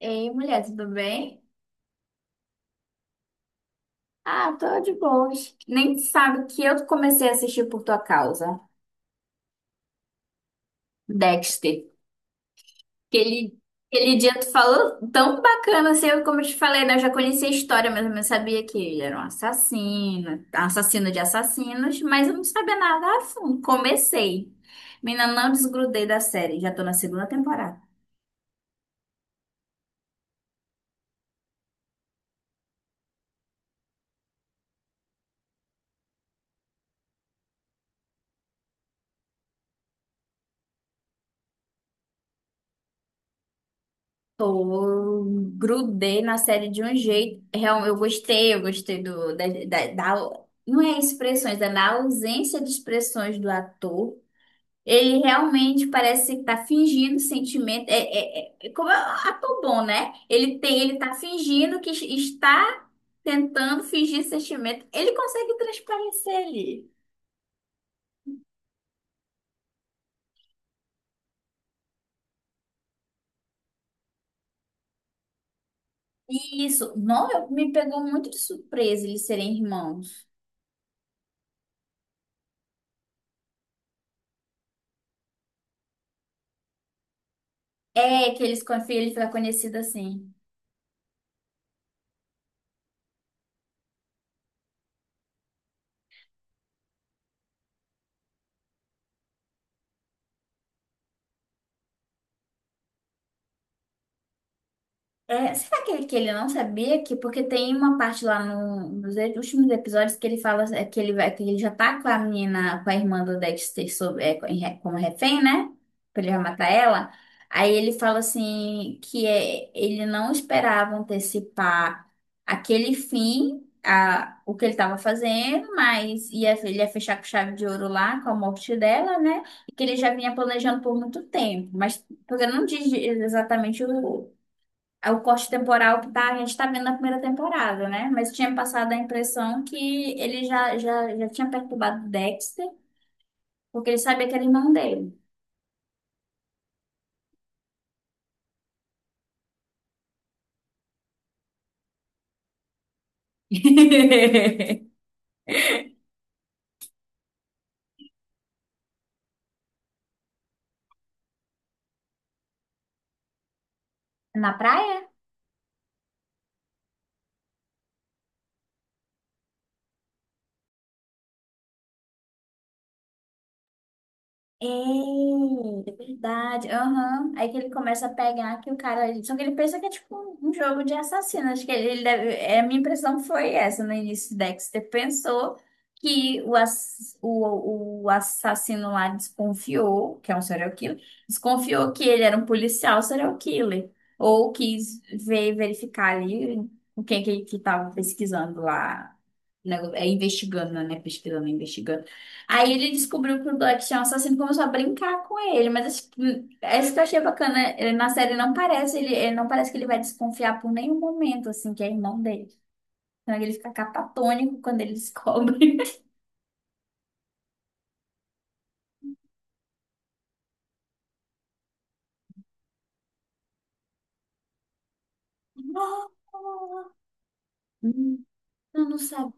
Ei, mulher, tudo bem? Ah, tô de boas. Nem sabe que eu comecei a assistir por tua causa, Dexter. Aquele, aquele dia tu falou tão bacana, assim, como eu te falei, né? Eu já conhecia a história, mas eu não sabia que ele era um assassino, assassino de assassinos, mas eu não sabia nada a fundo. Comecei. Menina, não desgrudei da série, já tô na segunda temporada. Pô, eu grudei na série de um jeito. Realmente, eu gostei, eu gostei. Do, da, da, da- Não é expressões, é na ausência de expressões do ator. Ele realmente parece que tá fingindo sentimento. É como é um ator bom, né? Ele tá fingindo que está tentando fingir sentimento. Ele consegue transparecer ali. E isso, não, me pegou muito de surpresa eles serem irmãos. É que ele fica conhecido assim. É, será que ele não sabia, que porque tem uma parte lá nos últimos episódios que ele fala que ele vai, que ele já tá com a menina, com a irmã do Dexter como refém, né? Que ele vai matar ela. Aí ele fala assim que ele não esperava antecipar aquele fim, o que ele estava fazendo, mas ele ia fechar com chave de ouro lá com a morte dela, né? E que ele já vinha planejando por muito tempo, mas porque não diz exatamente o é o corte temporal que a gente tá vendo na primeira temporada, né? Mas tinha passado a impressão que ele já tinha perturbado o Dexter, porque ele sabia que era irmão dele. Na praia? É, é verdade. Aham. Aí que ele começa a pegar que o cara. Só que ele pensa que é tipo um jogo de assassino. Acho que ele deve. A minha impressão foi essa no início. Dexter pensou que o assassino lá desconfiou, que é um serial killer, desconfiou que ele era um policial serial killer. Ou quis verificar ali o que que tava pesquisando lá, né, investigando, né? Pesquisando, investigando. Aí ele descobriu que o Black tinha um assassino e começou a brincar com ele. Mas tipo, é isso que eu achei bacana, né? Ele, na série, não parece. Ele não parece que ele vai desconfiar por nenhum momento, assim, que é irmão dele. Então ele fica catatônico quando ele descobre. Não, eu não sabia.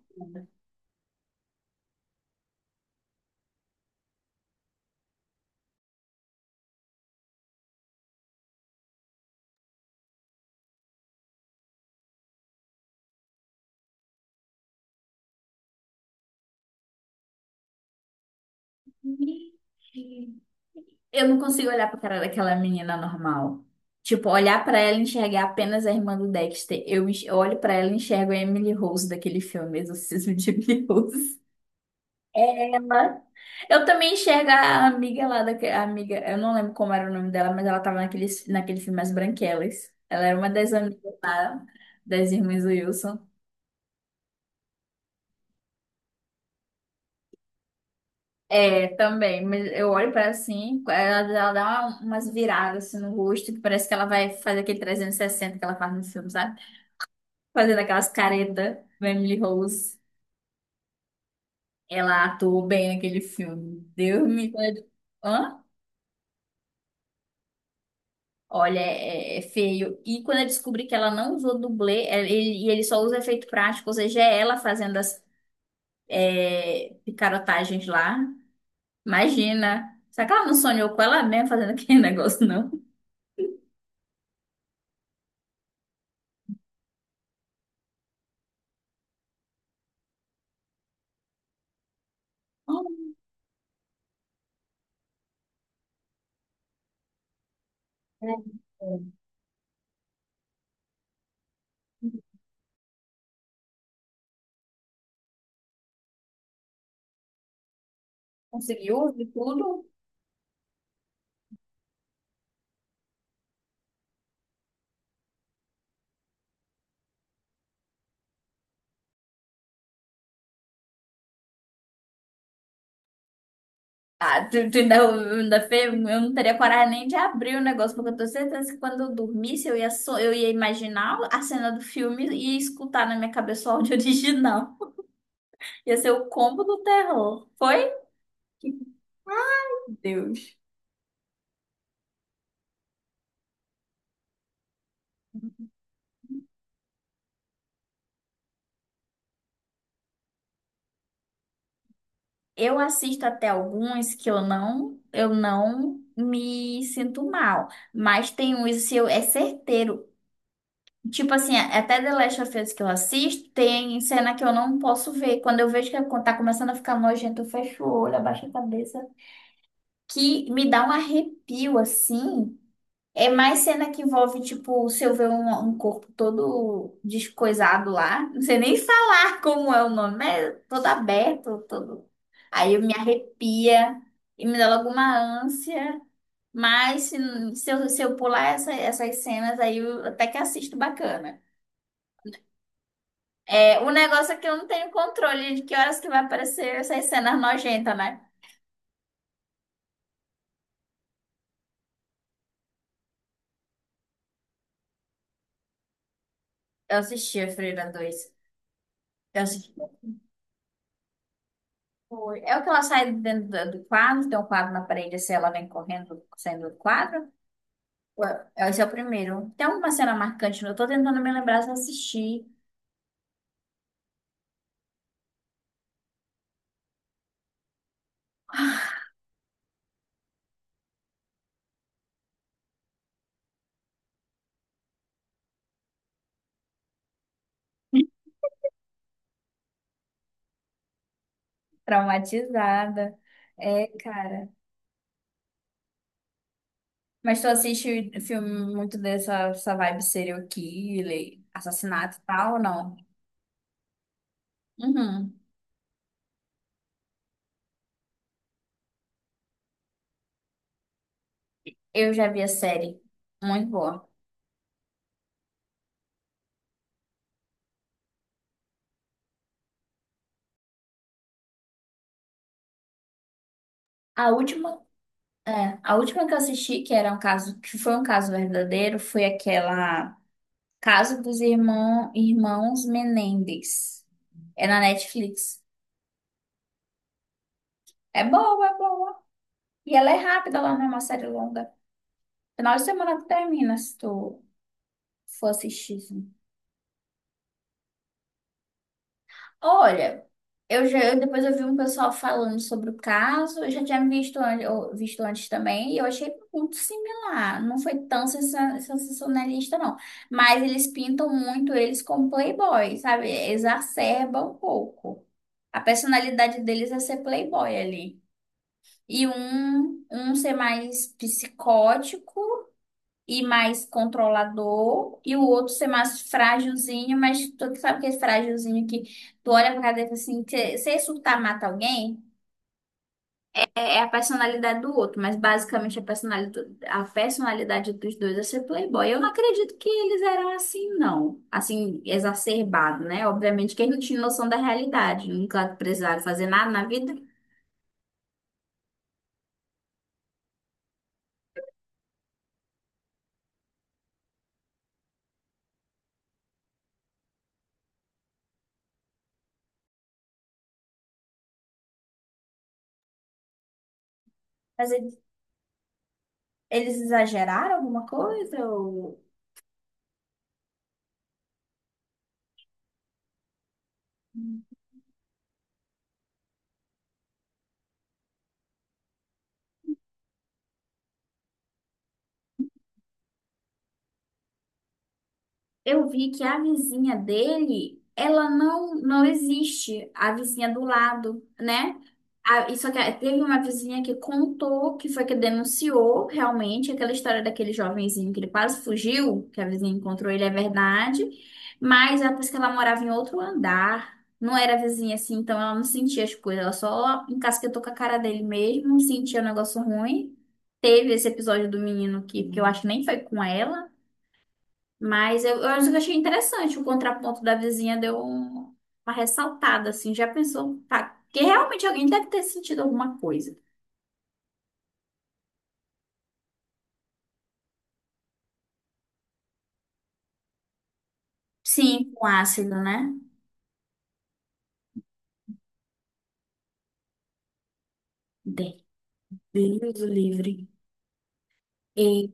Eu não consigo olhar pra cara daquela menina normal. Tipo, olhar pra ela e enxergar apenas a irmã do Dexter. Eu olho pra ela e enxergo a Emily Rose daquele filme Exorcismo de Emily Rose. Ela- Eu também enxergo a amiga lá, a amiga, eu não lembro como era o nome dela, mas ela tava naquele filme As Branquelas. Ela era uma das amigas lá, das irmãs Wilson. É, também, mas eu olho pra ela assim, ela dá umas viradas assim, no rosto, que parece que ela vai fazer aquele 360 que ela faz no filme, sabe? Fazendo aquelas caretas, Emily Rose. Ela atuou bem naquele filme. Deus me... Hã? Olha, é feio. E quando eu descobri que ela não usou dublê, e ele só usa efeito prático, ou seja, é ela fazendo as picarotagens lá. Imagina. Será que ela não sonhou com ela mesma fazendo aquele negócio, não? É, é. Conseguiu e tudo? Ah, tu ainda fez? Eu não teria coragem nem de abrir o negócio, porque eu tenho certeza que quando eu dormisse, eu ia imaginar a cena do filme e escutar na minha cabeça o áudio original. Ia ser o combo do terror. Foi? Deus. Eu assisto até alguns que eu não me sinto mal, mas tem uns que eu, é certeiro. Tipo assim, até The Last of Us que eu assisto, tem cena que eu não posso ver. Quando eu vejo que tá começando a ficar nojento, eu fecho o olho, abaixo a cabeça, que me dá um arrepio assim. É mais cena que envolve, tipo, se eu ver um corpo todo descoisado lá, não sei nem falar como é o nome, mas é todo aberto, todo. Aí eu me arrepia e me dá logo uma ânsia. Mas se eu pular essas cenas, aí eu até que assisto bacana. É, o negócio é que eu não tenho controle de que horas que vai aparecer essas cenas nojentas, né? Eu assisti a Freira 2. Eu assisti. Foi. É o que ela sai de dentro do quadro, tem um quadro na parede, assim, ela vem correndo, saindo do quadro. Ué, esse é o primeiro. Tem alguma cena marcante? Não? Eu tô tentando me lembrar se eu assisti. Traumatizada. É, cara. Mas tu assiste filme muito dessa essa vibe serial killer, assassinato e tal, ou não? Uhum. Eu já vi a série. Muito boa. A última, é, a última que eu assisti, que foi um caso verdadeiro, foi aquela. Caso dos Irmãos Menendez. É na Netflix. É boa, é boa. E ela é rápida, ela não é uma série longa. Final de semana que termina, se tu for assistir, assim. Olha, depois eu vi um pessoal falando sobre o caso, eu já tinha visto antes também, e eu achei muito similar. Não foi tão sensacionalista, não. Mas eles pintam muito eles como playboy, sabe? Exacerbam um pouco. A personalidade deles é ser playboy ali. E um ser mais psicótico e mais controlador, e o outro ser mais frágilzinho, mas tu sabe que é frágilzinho que tu olha pra cara dele e fala assim, se surtar mata alguém, é a personalidade do outro, mas basicamente a personalidade dos dois é ser playboy. Eu não acredito que eles eram assim, não. Assim, exacerbado, né? Obviamente que eles não tinham noção da realidade, nunca precisaram fazer nada na vida. Mas eles exageraram alguma coisa? Ou. Eu vi que a vizinha dele, ela não existe, a vizinha do lado, né? E só que teve uma vizinha que contou, que foi que denunciou realmente aquela história daquele jovenzinho que ele quase fugiu, que a vizinha encontrou ele, é verdade. Mas ela disse que ela morava em outro andar, não era vizinha assim, então ela não sentia as coisas, ela só encasquetou com a cara dele mesmo, sentia um negócio ruim. Teve esse episódio do menino que eu acho que nem foi com ela. Mas eu acho que eu achei interessante o contraponto da vizinha, deu uma ressaltada, assim, já pensou, tá, que realmente alguém deve ter sentido alguma coisa. Sim, com ácido, né? De- Deus o livre. E,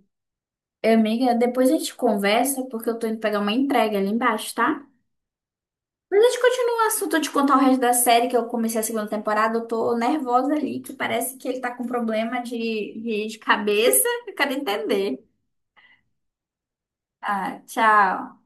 amiga, depois a gente conversa, porque eu tô indo pegar uma entrega ali embaixo, tá? Mas a gente continua o assunto, eu te contar o resto da série, que eu comecei a segunda temporada, eu tô nervosa ali, que parece que ele tá com problema de cabeça, eu quero entender. Ah, tchau.